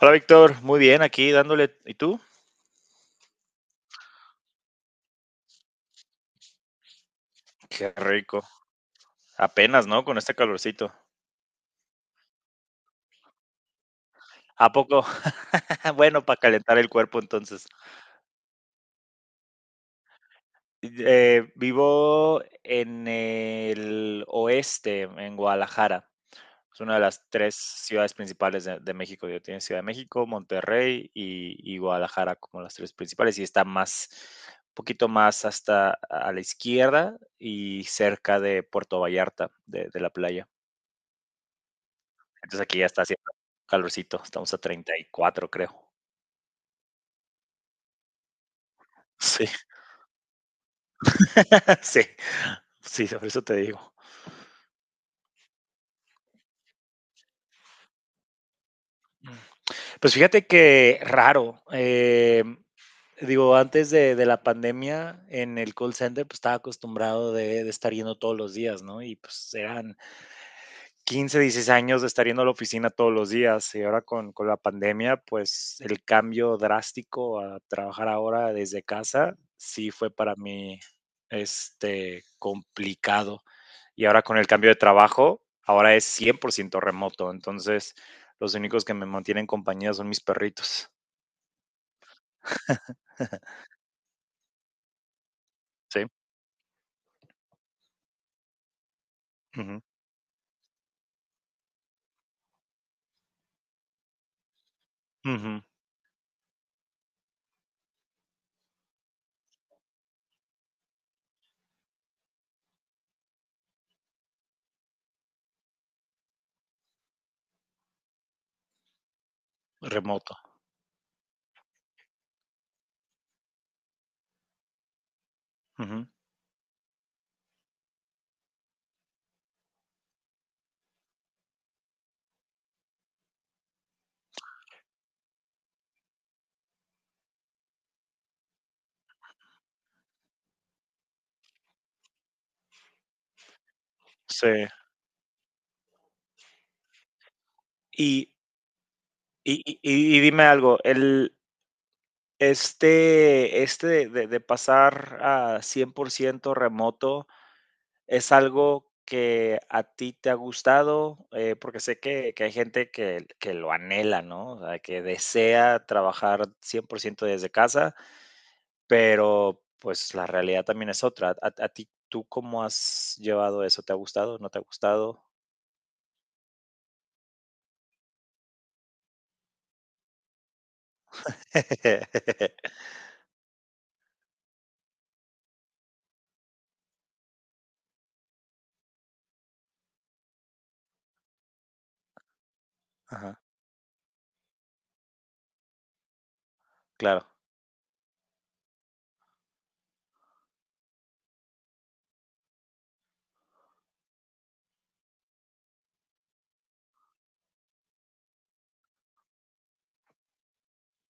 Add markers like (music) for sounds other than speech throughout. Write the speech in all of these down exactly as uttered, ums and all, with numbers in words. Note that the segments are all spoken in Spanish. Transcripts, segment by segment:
Hola Víctor, muy bien aquí dándole. ¿Y tú? Qué rico. Apenas, ¿no? Con este calorcito. ¿A poco? (laughs) Bueno, para calentar el cuerpo entonces. Eh, vivo en el oeste, en Guadalajara. Es una de las tres ciudades principales de, de México. Yo tengo Ciudad de México, Monterrey y, y Guadalajara como las tres principales. Y está más, un poquito más hasta a la izquierda y cerca de Puerto Vallarta, de de la playa. Entonces aquí ya está haciendo calorcito, estamos a treinta y cuatro creo. Sí, (laughs) sí, sí, sobre eso te digo. Pues fíjate que raro. Eh, digo, antes de, de la pandemia en el call center, pues estaba acostumbrado de, de estar yendo todos los días, ¿no? Y pues eran quince, dieciséis años de estar yendo a la oficina todos los días. Y ahora con, con la pandemia, pues el cambio drástico a trabajar ahora desde casa, sí fue para mí, este, complicado. Y ahora con el cambio de trabajo, ahora es cien por ciento remoto. Entonces, los únicos que me mantienen compañía son mis perritos. Sí. Ujú, ujú, remoto. Ujú, sí. Y, y- y- y dime algo, el, este, este de, de- de pasar a cien por ciento remoto es algo que a ti te ha gustado, Eh, porque sé que, que hay gente que, que lo anhela, ¿no? O sea, que desea trabajar cien por ciento desde casa. Pero, pues, la realidad también es otra. ¿A a ti tú cómo has llevado eso? ¿Te ha gustado? ¿No te ha gustado? (laughs) Ajá, claro.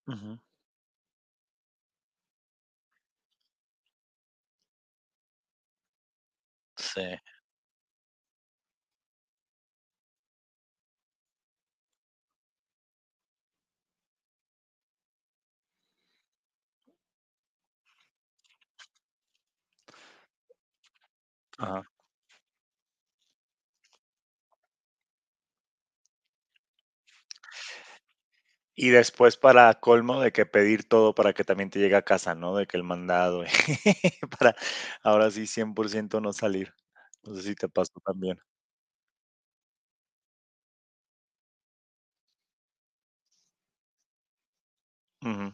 Ujú. Sí, ajá. Y después para colmo de que pedir todo para que también te llegue a casa, ¿no? De que el mandado (laughs) para ahora sí cien por ciento no salir. No sé si te pasó también. Ujú,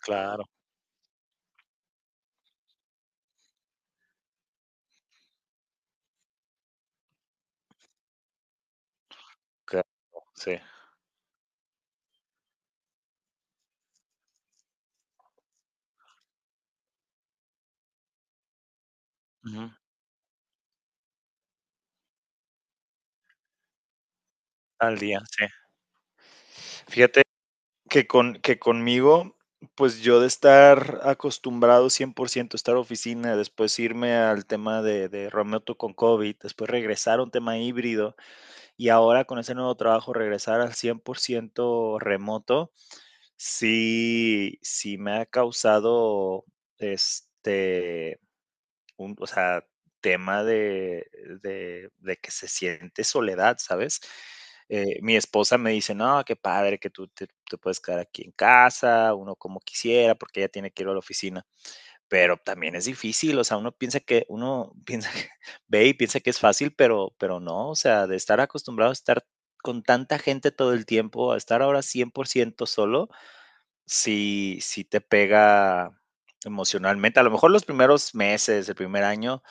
claro, claro, sí. Ujú, al día, sí. Fíjate que, con, que conmigo, pues yo de estar acostumbrado cien por ciento a estar oficina, después irme al tema de, de remoto con COVID, después regresar a un tema híbrido y ahora con ese nuevo trabajo regresar al cien por ciento remoto, sí, sí me ha causado este un, o sea, tema de, de, de que se siente soledad, ¿sabes? Eh, mi esposa me dice, no, qué padre que tú te, te puedes quedar aquí en casa, uno como quisiera, porque ella tiene que ir a la oficina, pero también es difícil, o sea, uno piensa que, uno (laughs) piensa que, ve y piensa que es fácil, pero, pero no, o sea, de estar acostumbrado a estar con tanta gente todo el tiempo, a estar ahora cien por ciento solo, sí, sí te pega emocionalmente, a lo mejor los primeros meses, el primer año,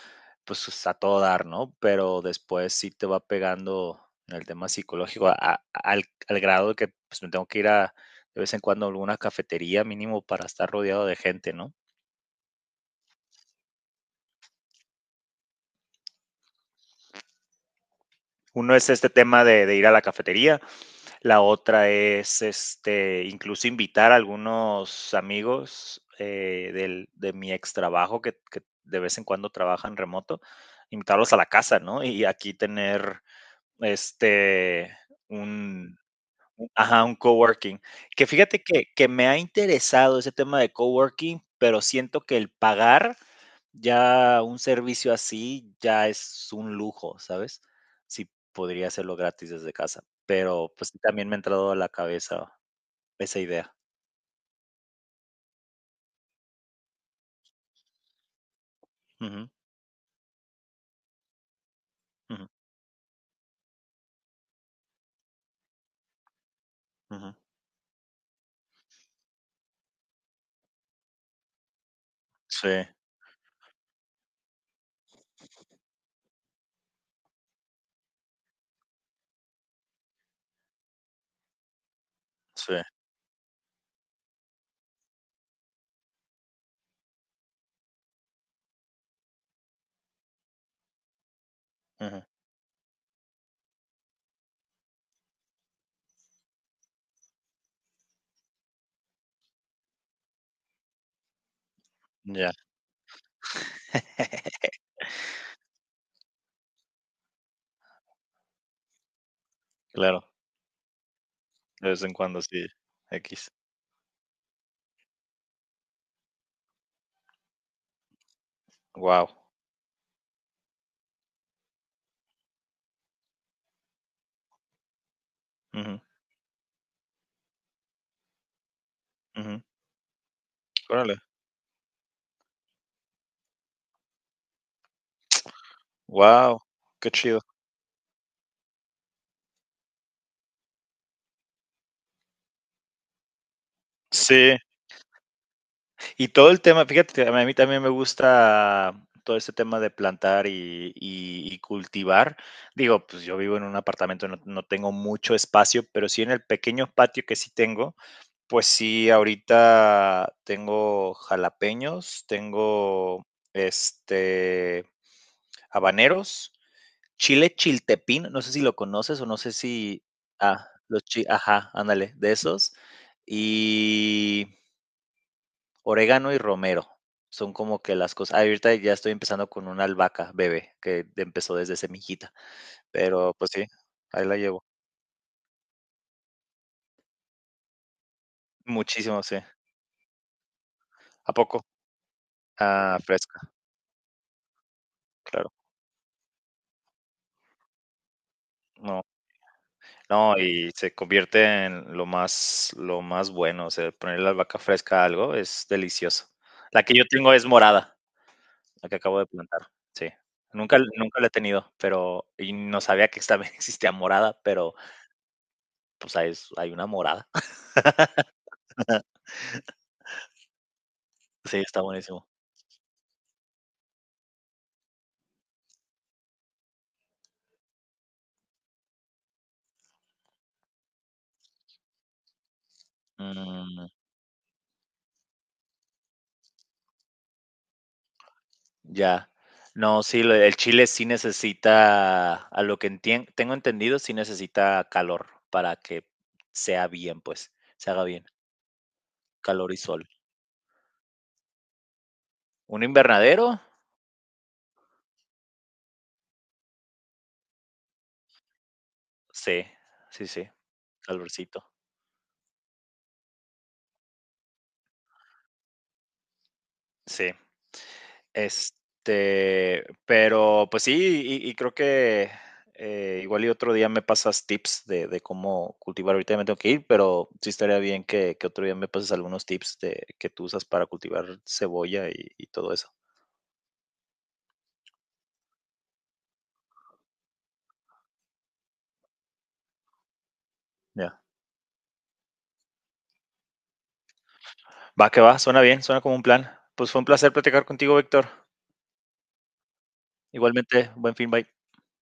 pues, a todo dar, ¿no? Pero después sí te va pegando en el tema psicológico a a- al al grado de que, pues, me tengo que ir a de vez en cuando a alguna cafetería mínimo para estar rodeado de gente, ¿no? Uno es este tema de de ir a la cafetería, la otra es, este, incluso invitar a algunos amigos, eh, del de mi extrabajo que que de vez en cuando trabajan remoto, invitarlos a la casa, ¿no? Y aquí tener, este, un. Ajá, un coworking. Que fíjate que que me ha interesado ese tema de coworking, pero siento que el pagar ya un servicio así ya es un lujo, ¿sabes? Sí, podría hacerlo gratis desde casa, pero, pues, sí también me ha entrado a la cabeza esa idea. Ujú, ujú, ujú. Sí, sí, ujú. Ya, claro, de vez en cuando sí, X. Wow. Ujú, ujú. Órale, wow, qué chido. Sí. Y todo el tema, fíjate, a mí también me gusta todo este tema de plantar y, y- y cultivar. Digo, pues yo vivo en un apartamento, no, no tengo mucho espacio, pero sí en el pequeño patio que sí tengo, pues sí, ahorita tengo jalapeños, tengo este habaneros, chile chiltepín, no sé si lo conoces o no sé si, ah, los chi, ajá, ándale, de esos. Y orégano y romero, son como que las cosas. Ahorita ya estoy empezando con una albahaca bebé, que empezó desde semillita, pero pues sí, ahí la llevo. Muchísimo, sí. ¿A poco? Ah, fresca, claro. No, no, y se convierte en lo más lo más bueno, o sea, poner la albahaca fresca a algo es delicioso. La que yo tengo es morada, la que acabo de plantar, sí. Nunca nunca la he tenido, pero y no sabía que también (laughs) existía morada, pero, pues, hay hay una morada. (laughs) Sí, está buenísimo. Mm, ya. No, sí, lo el chile sí necesita, a lo que entien tengo entendido, sí necesita calor para que sea bien, pues, se haga bien, calor y sol. ¿Un invernadero? Sí, sí, sí, calorcito, sí. Este, pero pues sí, y y creo que, eh, igual y otro día me pasas tips de de cómo cultivar. Ahorita ya me tengo que ir, pero sí estaría bien que que otro día me pases algunos tips de que tú usas para cultivar cebolla y y todo eso. Ya. Va que va, suena bien, suena como un plan. Pues fue un placer platicar contigo, Víctor. Igualmente, buen fin, bye.